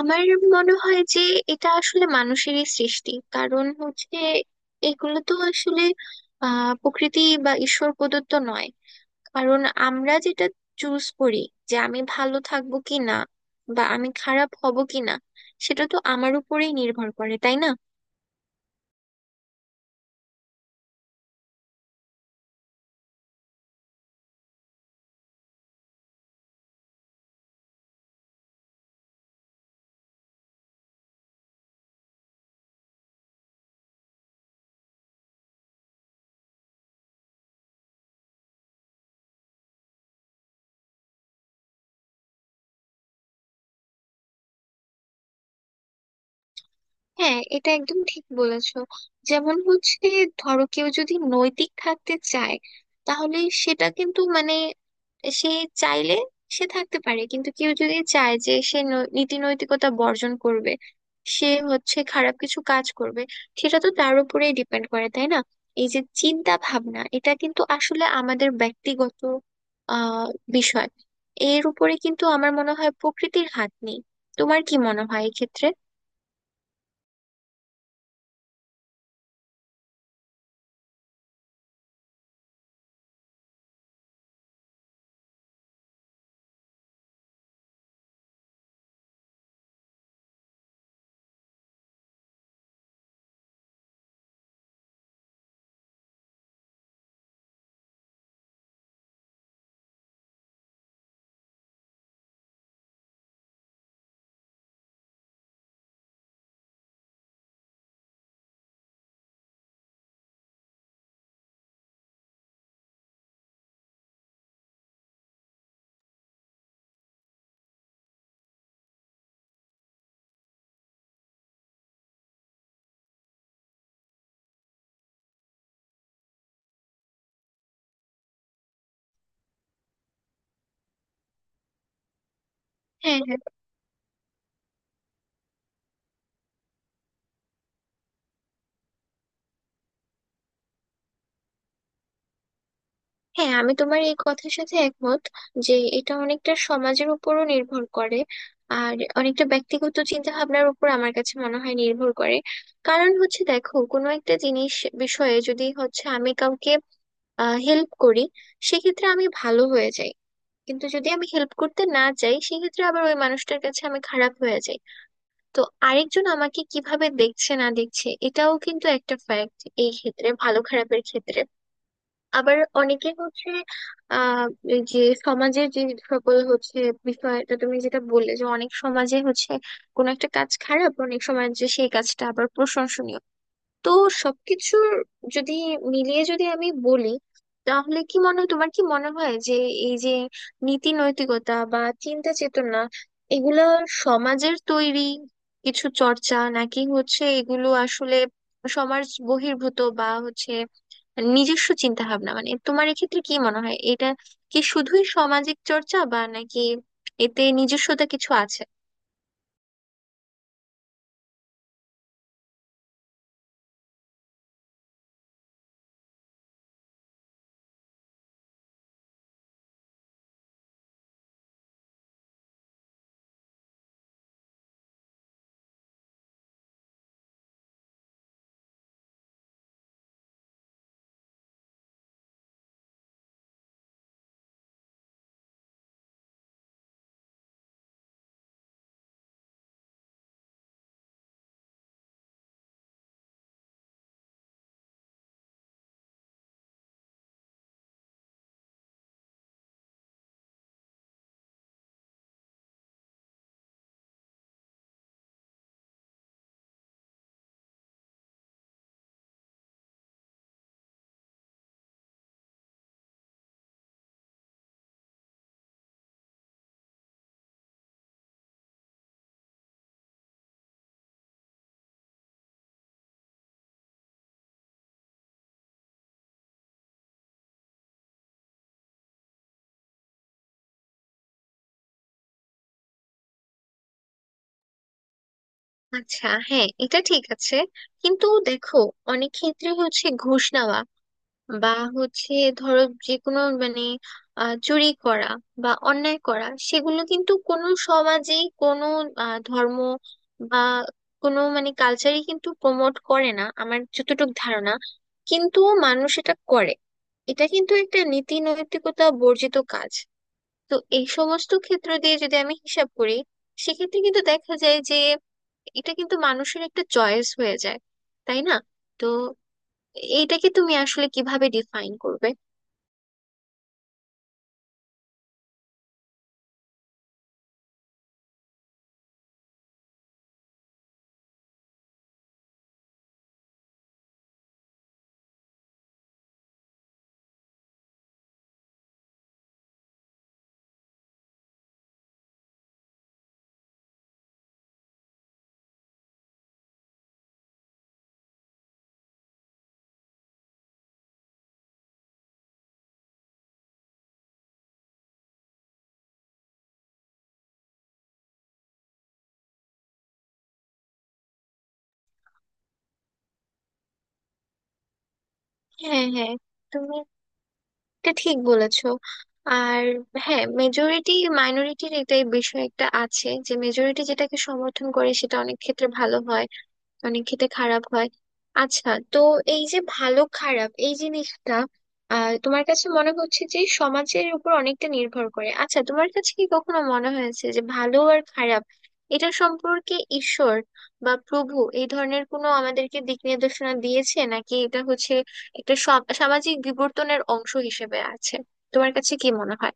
আমার মনে হয় যে এটা আসলে মানুষেরই সৃষ্টি। কারণ হচ্ছে এগুলো তো আসলে প্রকৃতি বা ঈশ্বর প্রদত্ত নয়। কারণ আমরা যেটা চুজ করি যে আমি ভালো থাকবো কি না বা আমি খারাপ হব কি না, সেটা তো আমার উপরেই নির্ভর করে, তাই না? হ্যাঁ, এটা একদম ঠিক বলেছো। যেমন হচ্ছে ধরো কেউ যদি নৈতিক থাকতে চায়, তাহলে সেটা কিন্তু মানে সে চাইলে সে থাকতে পারে। কিন্তু কেউ যদি চায় যে সে নীতি নৈতিকতা বর্জন করবে, সে হচ্ছে খারাপ কিছু কাজ করবে, সেটা তো তার উপরেই ডিপেন্ড করে, তাই না? এই যে চিন্তা ভাবনা, এটা কিন্তু আসলে আমাদের ব্যক্তিগত আহ বিষয়। এর উপরে কিন্তু আমার মনে হয় প্রকৃতির হাত নেই। তোমার কি মনে হয় এক্ষেত্রে? হ্যাঁ, হ্যাঁ, হ্যাঁ, আমি তোমার এই কথার সাথে একমত যে এটা অনেকটা সমাজের উপরও নির্ভর করে। আর অনেকটা ব্যক্তিগত চিন্তা ভাবনার উপর আমার কাছে মনে হয় নির্ভর করে। কারণ হচ্ছে দেখো, কোনো একটা জিনিস বিষয়ে যদি হচ্ছে আমি কাউকে হেল্প করি, সেক্ষেত্রে আমি ভালো হয়ে যাই। কিন্তু যদি আমি হেল্প করতে না যাই, সেক্ষেত্রে আবার ওই মানুষটার কাছে আমি খারাপ হয়ে যাই। তো আরেকজন আমাকে কিভাবে দেখছে না দেখছে, এটাও কিন্তু একটা ফ্যাক্ট এই ক্ষেত্রে, ভালো খারাপের ক্ষেত্রে। আবার অনেকে হচ্ছে আহ এই যে সমাজের যে সকল হচ্ছে বিষয়টা তুমি যেটা বললে যে অনেক সমাজে হচ্ছে কোনো একটা কাজ খারাপ, অনেক সমাজে সেই কাজটা আবার প্রশংসনীয়। তো সবকিছুর যদি মিলিয়ে যদি আমি বলি, তাহলে কি মনে হয়, তোমার কি মনে হয় যে এই যে নীতি নৈতিকতা বা চিন্তা চেতনা, এগুলা সমাজের তৈরি কিছু চর্চা, নাকি হচ্ছে এগুলো আসলে সমাজ বহির্ভূত, বা হচ্ছে নিজস্ব চিন্তা ভাবনা? মানে তোমার এক্ষেত্রে কি মনে হয়, এটা কি শুধুই সামাজিক চর্চা, বা নাকি এতে নিজস্বতা কিছু আছে? আচ্ছা, হ্যাঁ, এটা ঠিক আছে। কিন্তু দেখো, অনেক ক্ষেত্রে হচ্ছে ঘুষ নেওয়া বা হচ্ছে ধরো যে কোনো মানে চুরি করা বা অন্যায় করা, সেগুলো কিন্তু কোনো সমাজেই কোনো ধর্ম বা কোনো মানে কালচারই কিন্তু প্রমোট করে না, আমার যতটুকু ধারণা। কিন্তু মানুষ এটা করে। এটা কিন্তু একটা নীতি নৈতিকতা বর্জিত কাজ। তো এই সমস্ত ক্ষেত্র দিয়ে যদি আমি হিসাব করি, সেক্ষেত্রে কিন্তু দেখা যায় যে এটা কিন্তু মানুষের একটা চয়েস হয়ে যায়, তাই না? তো এইটাকে তুমি আসলে কিভাবে ডিফাইন করবে? হ্যাঁ, হ্যাঁ, তুমি এটা ঠিক বলেছো। আর হ্যাঁ, মেজরিটি মাইনরিটির এটাই বিষয় একটা আছে যে মেজরিটি যেটাকে সমর্থন করে সেটা অনেক ক্ষেত্রে ভালো হয়, অনেক খেতে খারাপ হয়। আচ্ছা, তো এই যে ভালো খারাপ এই জিনিসটা, তোমার কাছে মনে হচ্ছে যে সমাজের উপর অনেকটা নির্ভর করে। আচ্ছা, তোমার কাছে কি কখনো মনে হয়েছে যে ভালো আর খারাপ এটা সম্পর্কে ঈশ্বর বা প্রভু এই ধরনের কোনো আমাদেরকে দিক নির্দেশনা দিয়েছে, নাকি এটা হচ্ছে একটা সামাজিক বিবর্তনের অংশ হিসেবে আছে? তোমার কাছে কি মনে হয়?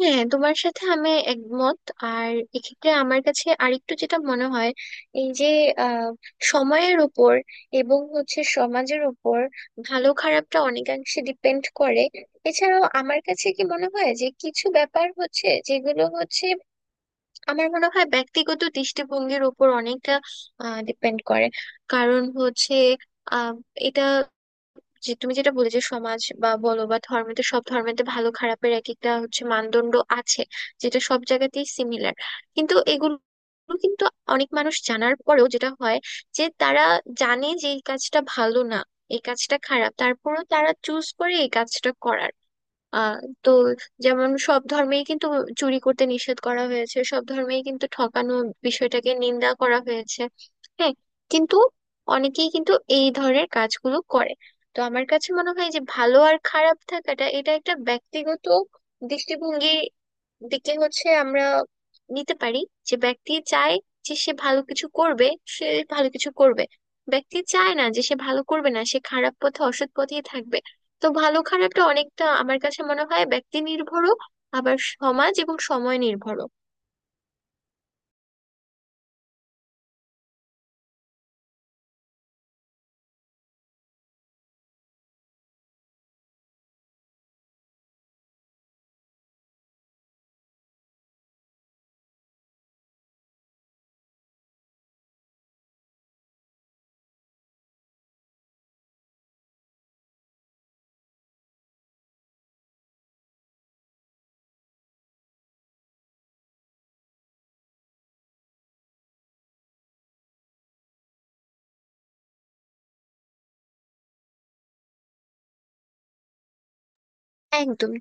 হ্যাঁ, তোমার সাথে আমি একমত। আর এক্ষেত্রে আমার কাছে আরেকটু যেটা মনে হয়, এই যে আহ, সময়ের উপর এবং হচ্ছে সমাজের উপর ভালো খারাপটা অনেকাংশে ডিপেন্ড করে। এছাড়াও আমার কাছে কি মনে হয় যে কিছু ব্যাপার হচ্ছে যেগুলো হচ্ছে, আমার মনে হয় ব্যক্তিগত দৃষ্টিভঙ্গির উপর অনেকটা ডিপেন্ড করে। কারণ হচ্ছে আহ এটা, যে তুমি যেটা বলে যে সমাজ বা বলো বা ধর্মেতে, সব ধর্মেতে ভালো খারাপের এক একটা হচ্ছে মানদণ্ড আছে যেটা সব জায়গাতেই সিমিলার। কিন্তু এগুলো কিন্তু অনেক মানুষ জানার পরেও যেটা হয় যে তারা জানে যে এই কাজটা ভালো না, এই কাজটা খারাপ, তারপরেও তারা চুজ করে এই কাজটা করার। আহ তো যেমন সব ধর্মেই কিন্তু চুরি করতে নিষেধ করা হয়েছে, সব ধর্মেই কিন্তু ঠকানো বিষয়টাকে নিন্দা করা হয়েছে। হ্যাঁ, কিন্তু অনেকেই কিন্তু এই ধরনের কাজগুলো করে। তো আমার কাছে মনে হয় যে ভালো আর খারাপ থাকাটা এটা একটা ব্যক্তিগত দৃষ্টিভঙ্গি দিকে হচ্ছে আমরা নিতে পারি। যে ব্যক্তি চায় যে সে ভালো কিছু করবে, সে ভালো কিছু করবে। ব্যক্তি চায় না যে সে ভালো করবে, না সে খারাপ পথে অসৎ পথেই থাকবে। তো ভালো খারাপটা অনেকটা আমার কাছে মনে হয় ব্যক্তি নির্ভরও, আবার সমাজ এবং সময় নির্ভরও। একদম তুমি